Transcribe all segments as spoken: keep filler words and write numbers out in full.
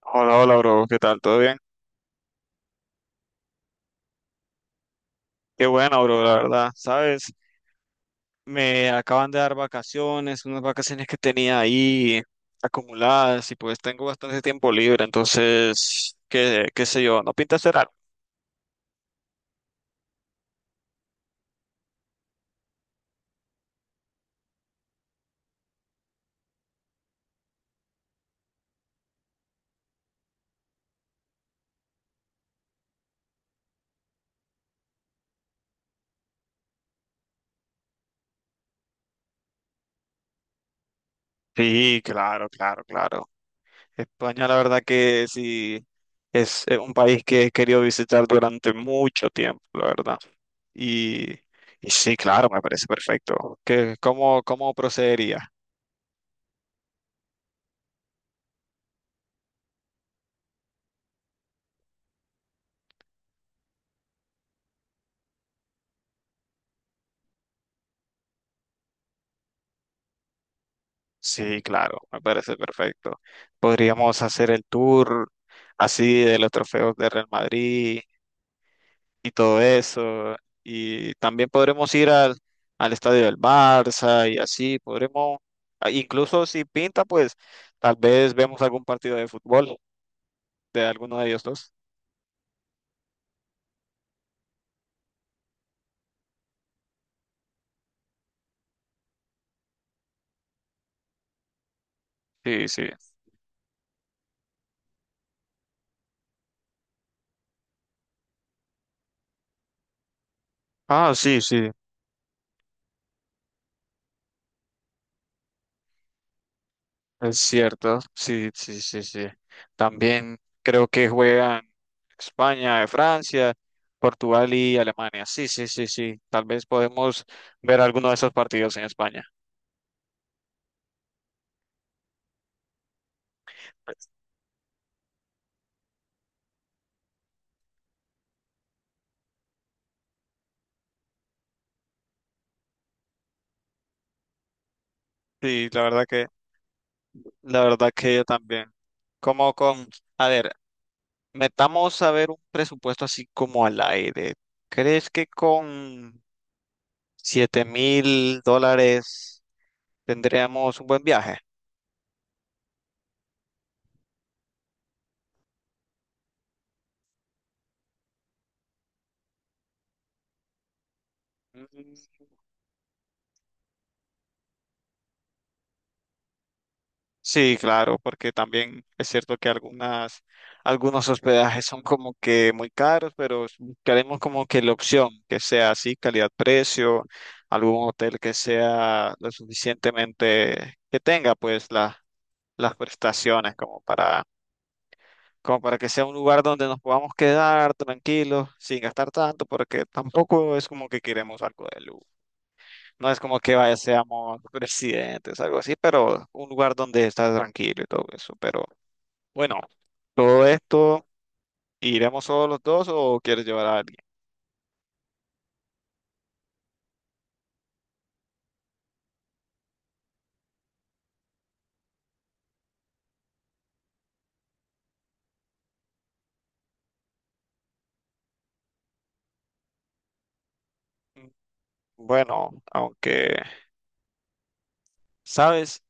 Hola, hola, bro. ¿Qué tal? ¿Todo bien? Qué bueno, bro, la verdad. ¿Sabes? Me acaban de dar vacaciones, unas vacaciones que tenía ahí acumuladas y pues tengo bastante tiempo libre, entonces, qué, qué sé yo, ¿no pinta hacer algo? Sí, claro, claro, claro. España, la verdad que sí, es eh, un país que he querido visitar durante mucho tiempo, la verdad. Y, y sí, claro, me parece perfecto. ¿Qué, cómo, cómo procedería? Sí, claro, me parece perfecto. Podríamos hacer el tour así de los trofeos de Real Madrid y todo eso. Y también podremos ir al, al estadio del Barça y así. Podremos, ah, incluso si pinta, pues tal vez vemos algún partido de fútbol de alguno de ellos dos. Sí, sí. Ah, sí, sí. Es cierto, sí, sí, sí, sí. También creo que juegan España, Francia, Portugal y Alemania. Sí, sí, sí, sí. Tal vez podemos ver alguno de esos partidos en España. Sí, la verdad que, la verdad que yo también. Como con, a ver, metamos a ver un presupuesto así como al aire. ¿Crees que con siete mil dólares tendríamos un buen viaje? Sí, claro, porque también es cierto que algunas, algunos hospedajes son como que muy caros, pero s- queremos como que la opción que sea así, calidad-precio, algún hotel que sea lo suficientemente, que tenga pues la- las prestaciones como para, como para que sea un lugar donde nos podamos quedar tranquilos, sin gastar tanto, porque tampoco es como que queremos algo de lujo. No es como que vaya, seamos presidentes, algo así, pero un lugar donde estás tranquilo y todo eso, pero bueno, todo esto, ¿iremos solo los dos o quieres llevar a alguien? Mm, bueno, aunque, ¿sabes?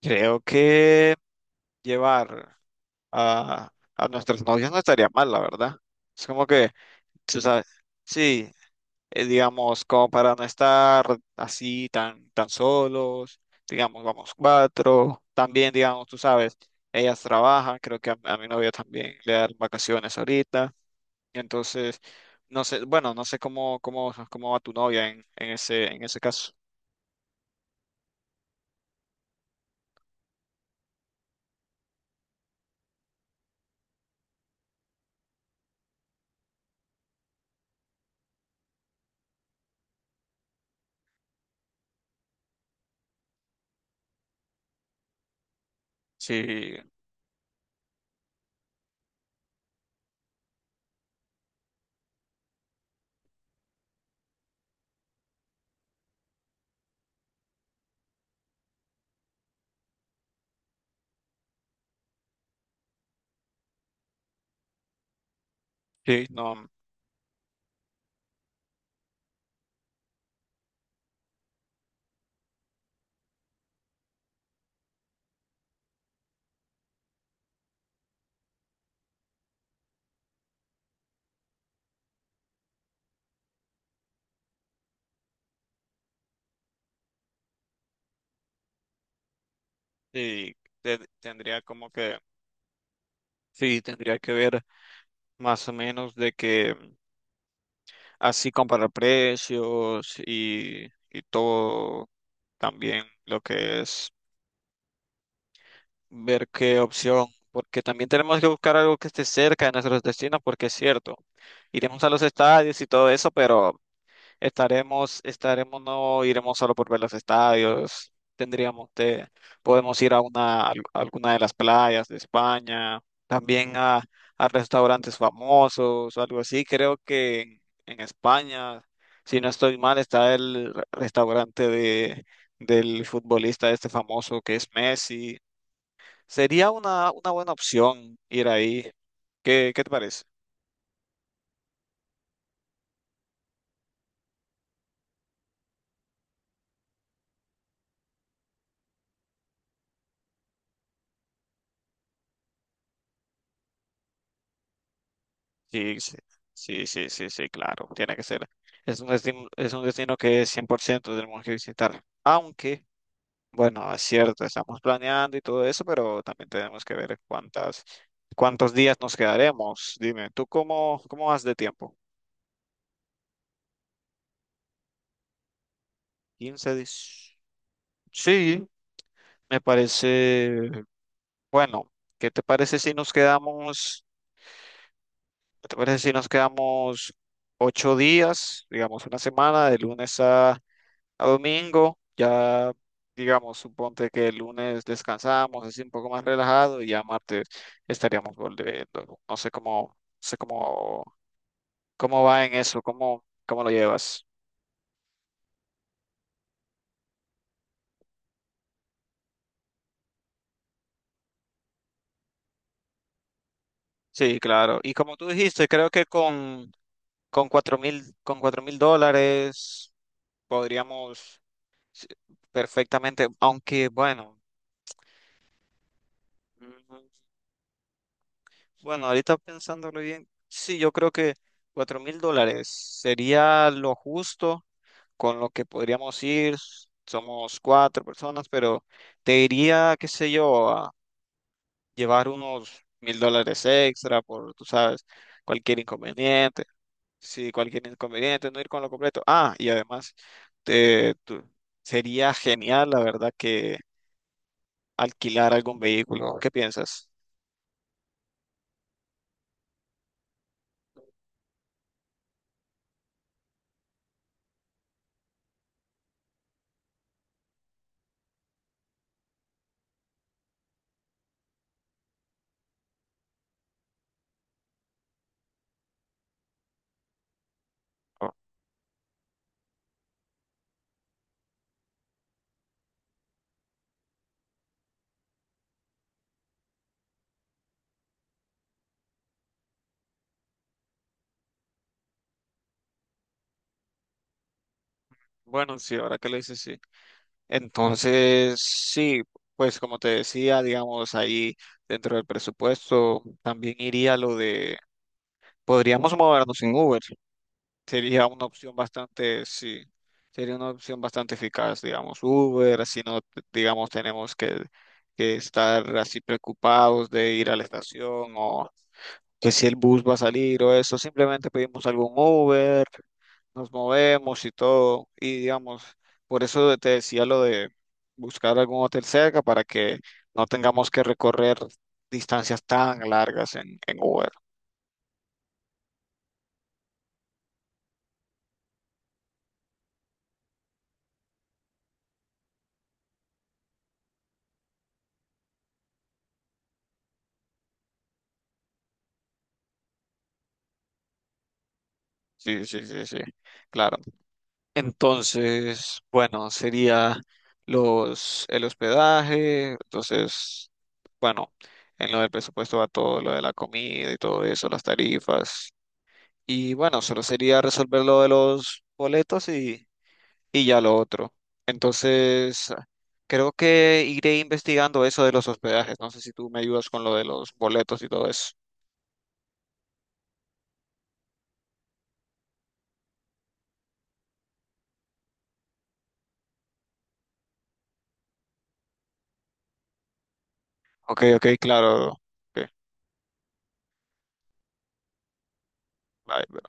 Creo que llevar a, a nuestras novias no estaría mal, la verdad. Es como que, tú sabes, sí, eh, digamos, como para no estar así tan, tan solos, digamos, vamos cuatro, también, digamos, tú sabes, ellas trabajan, creo que a, a mi novia también le dan vacaciones ahorita. Entonces, no sé, bueno, no sé cómo, cómo, cómo va tu novia en, en ese, en ese caso. Sí, sí, no, sí, te- tendría como que, sí, tendría que ver más o menos de que así comparar precios y, y todo también lo que es ver qué opción, porque también tenemos que buscar algo que esté cerca de nuestros destinos, porque es cierto, iremos a los estadios y todo eso, pero Estaremos, estaremos, no iremos solo por ver los estadios, tendríamos de, podemos ir a una, al- alguna de las playas de España, también a, a restaurantes famosos o algo así. Creo que en, en España, si no estoy mal, está el re- restaurante de, del futbolista este famoso que es Messi. Sería una, una buena opción ir ahí. ¿Qué, qué te parece? Sí, sí, sí, sí, sí, sí, claro, tiene que ser. Es un destino, es un destino que cien por ciento tenemos que visitar. Aunque, bueno, es cierto, estamos planeando y todo eso, pero también tenemos que ver cuántas, cuántos días nos quedaremos. Dime, ¿tú cómo, cómo vas de tiempo? Quince días. Sí, me parece, bueno, ¿qué te parece si nos quedamos, qué te parece si nos quedamos ocho días, digamos una semana, de lunes a a domingo, ya digamos, suponte que el lunes descansamos, así un poco más relajado y ya martes estaríamos volviendo. No sé cómo, no sé cómo, cómo, va en eso, cómo, cómo lo llevas. Sí, claro. Y como tú dijiste, creo que con, con cuatro mil, con cuatro mil dólares podríamos sí, perfectamente, aunque bueno, mm, bueno, ahorita pensándolo bien, sí, yo creo que cuatro mil dólares sería lo justo con lo que podríamos ir, somos cuatro personas, pero te diría, qué sé yo, a llevar unos mil dólares extra por, tú sabes, cualquier inconveniente. Sí, cualquier inconveniente, no ir con lo completo. Ah, y además, te- tú- sería genial, la verdad, que alquilar algún vehículo. ¿Qué piensas? Oh, bueno, sí, ahora que lo dices, sí. Entonces, sí, pues como te decía, digamos, ahí dentro del presupuesto también iría lo de podríamos movernos en Uber. Sería una opción bastante, sí, sería una opción bastante eficaz, digamos, Uber, así no, digamos, tenemos que, que estar así preocupados de ir a la estación o que si el bus va a salir o eso, simplemente pedimos algún Uber, nos movemos y todo, y digamos, por eso te decía lo de buscar algún hotel cerca para que no tengamos que recorrer distancias tan largas en, en Uber. Sí, sí, sí, sí, claro. Entonces, bueno, sería los, el hospedaje, entonces, bueno, en lo del presupuesto va todo lo de la comida y todo eso, las tarifas. Y bueno, solo sería resolver lo de los boletos y, y ya lo otro. Entonces, creo que iré investigando eso de los hospedajes. No sé si tú me ayudas con lo de los boletos y todo eso. Ok, ok, claro. Ok, bye,